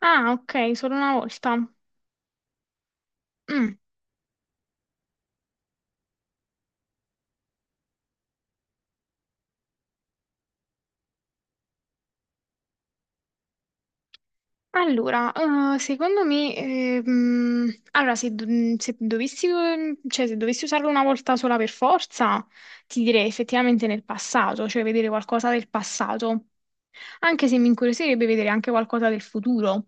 Ah, ok, solo una volta. Mm. Allora, secondo me, se, do- mm, se dovessi, cioè, se dovessi usarlo una volta sola per forza, ti direi effettivamente nel passato, cioè vedere qualcosa del passato, anche se mi incuriosirebbe vedere anche qualcosa del futuro.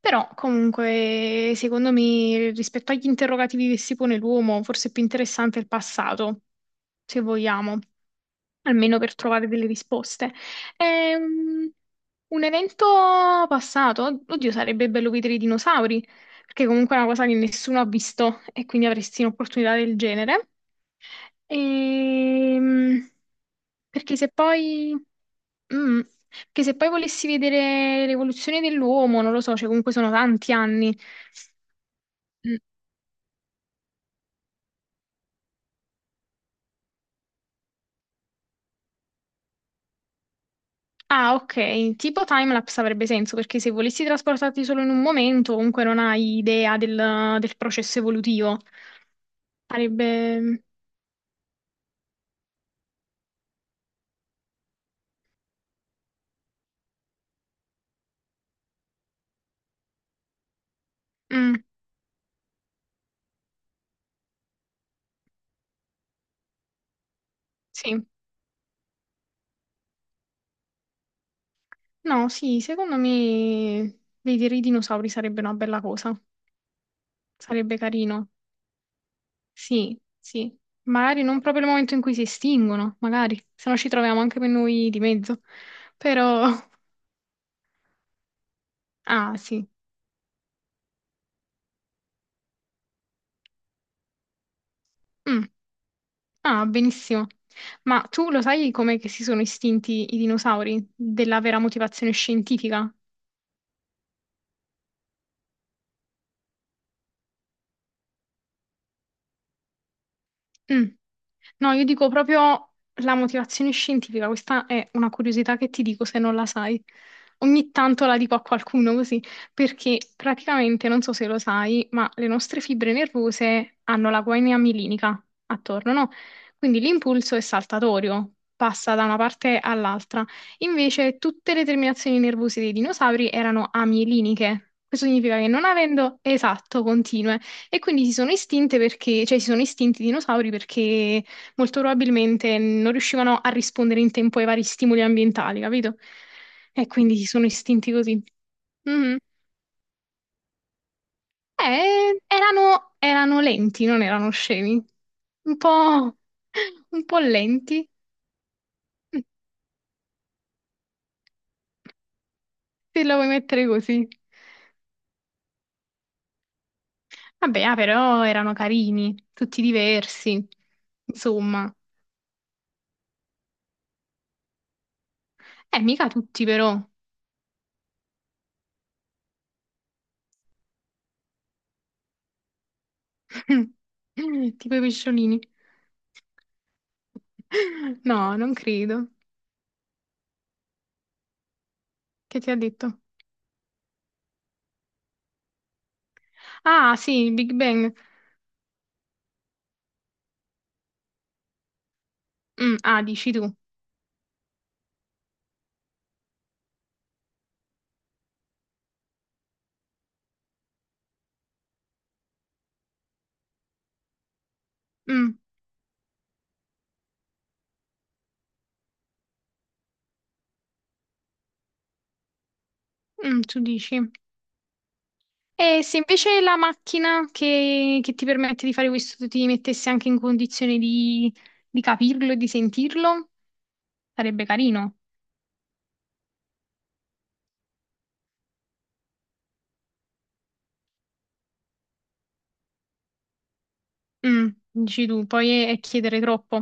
Però, comunque, secondo me, rispetto agli interrogativi che si pone l'uomo, forse è più interessante il passato, se vogliamo, almeno per trovare delle risposte. È un evento passato. Oddio, sarebbe bello vedere i dinosauri, perché comunque è una cosa che nessuno ha visto e quindi avresti un'opportunità del genere. Ehm, perché se poi, mm, perché se poi volessi vedere l'evoluzione dell'uomo, non lo so, cioè comunque sono tanti anni. Mm. Ah, ok, tipo timelapse avrebbe senso perché se volessi trasportarti solo in un momento, comunque non hai idea del processo evolutivo. Sarebbe... mm, sì, no, sì, secondo me vedere i dinosauri sarebbe una bella cosa. Sarebbe carino. Sì, sì. Magari non proprio il momento in cui si estinguono, magari, se no ci troviamo anche per noi di mezzo. Però. Ah, sì. Mm. Ah, benissimo. Ma tu lo sai come che si sono estinti i dinosauri? Della vera motivazione scientifica? Mm. No, io dico proprio la motivazione scientifica, questa è una curiosità che ti dico se non la sai. Ogni tanto la dico a qualcuno così, perché praticamente, non so se lo sai, ma le nostre fibre nervose hanno la guaina milinica attorno, no? Quindi l'impulso è saltatorio, passa da una parte all'altra. Invece tutte le terminazioni nervose dei dinosauri erano amieliniche. Questo significa che non avendo esatto continue, e quindi si sono estinte perché, cioè si sono estinti i dinosauri perché molto probabilmente non riuscivano a rispondere in tempo ai vari stimoli ambientali, capito? E quindi si sono estinti così. Mhm. Erano lenti, non erano scemi. Un po', un po' lenti, se la vuoi mettere così. Vabbè, ah, però erano carini, tutti diversi, insomma. Mica tutti però. Tipo i pesciolini. No, non credo. Che ti ha detto? Ah, sì, il Big Bang. Mm, ah, dici tu. Mm, mm, tu dici. E se invece la macchina che ti permette di fare questo ti mettesse anche in condizione di capirlo e di sentirlo, sarebbe carino. Mm, dici tu, poi è chiedere troppo.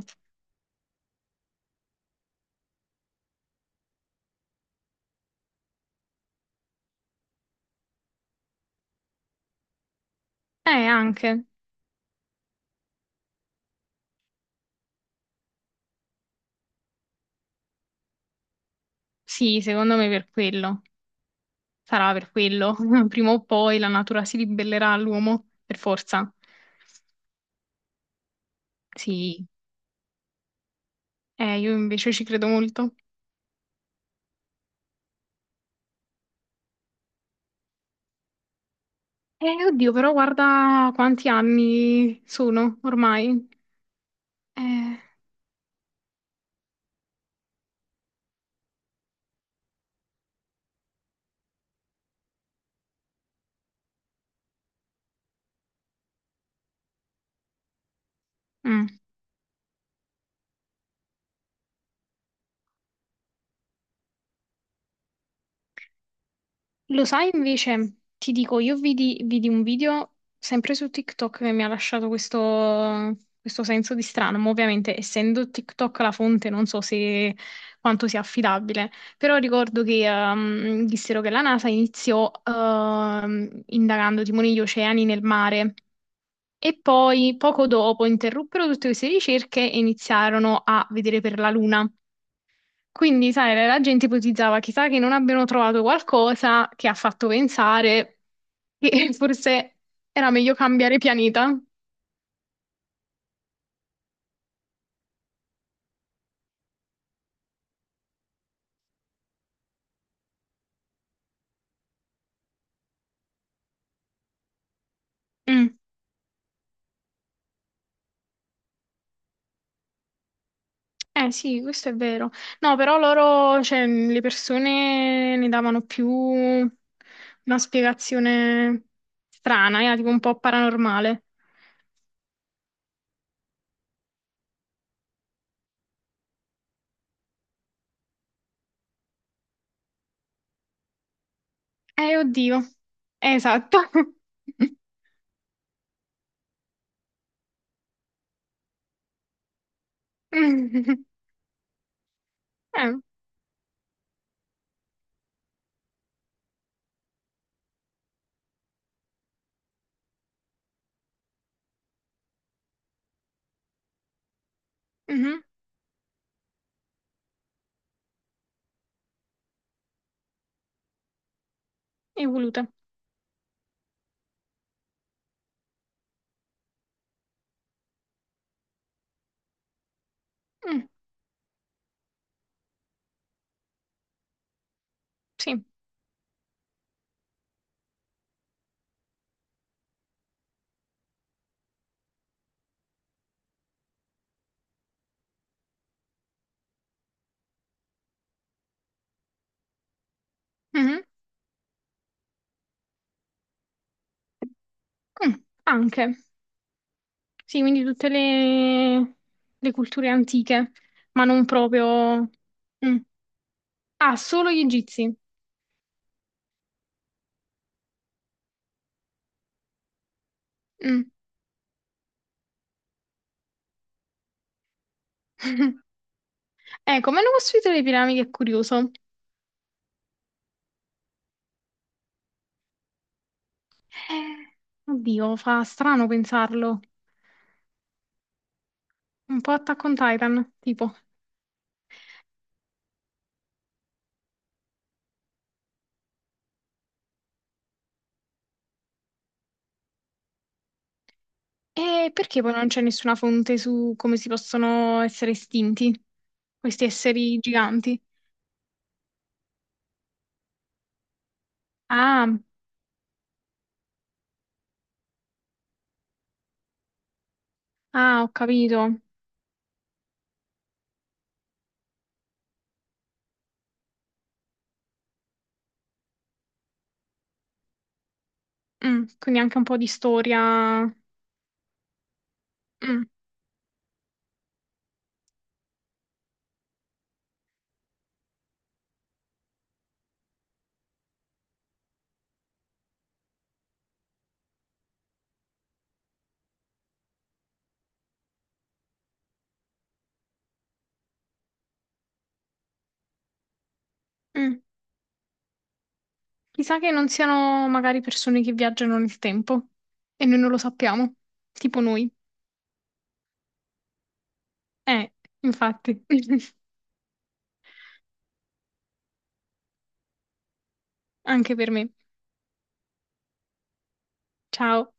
Anche. Sì, secondo me per quello. Sarà per quello. Prima o poi la natura si ribellerà all'uomo, per forza. Sì. Io invece ci credo molto. Oddio, però guarda quanti anni sono ormai. Eh. Mm. Lo sai invece, ti dico, io vidi un video sempre su TikTok che mi ha lasciato questo, senso di strano, ma ovviamente essendo TikTok la fonte non so se quanto sia affidabile, però ricordo che dissero che la NASA iniziò indagando timoni gli oceani nel mare. E poi, poco dopo, interruppero tutte queste ricerche e iniziarono a vedere per la Luna. Quindi, sai, la gente ipotizzava, chissà che non abbiano trovato qualcosa che ha fatto pensare che forse era meglio cambiare pianeta. Mm. Eh sì, questo è vero. No, però loro, cioè, le persone ne davano più una spiegazione strana, era tipo un po' paranormale. Oddio. Esatto. Eh, mhm. Evolute. Mm, sì. Mhm. Mm. Anche. Sì, quindi tutte le culture antiche, ma non proprio. Mm. Ah, solo gli egizi. Mm. Come hanno costruito le piramidi è curioso. Eh, oddio, fa strano pensarlo. Un po' Attack on Titan, tipo. E perché poi non c'è nessuna fonte su come si possono essere estinti questi esseri giganti? Ah, ah, ho capito. Mm, quindi anche un po' di storia. Mm, mm. Chissà che non siano magari persone che viaggiano nel tempo e noi non lo sappiamo, tipo noi. Eh, infatti. Anche per me. Ciao.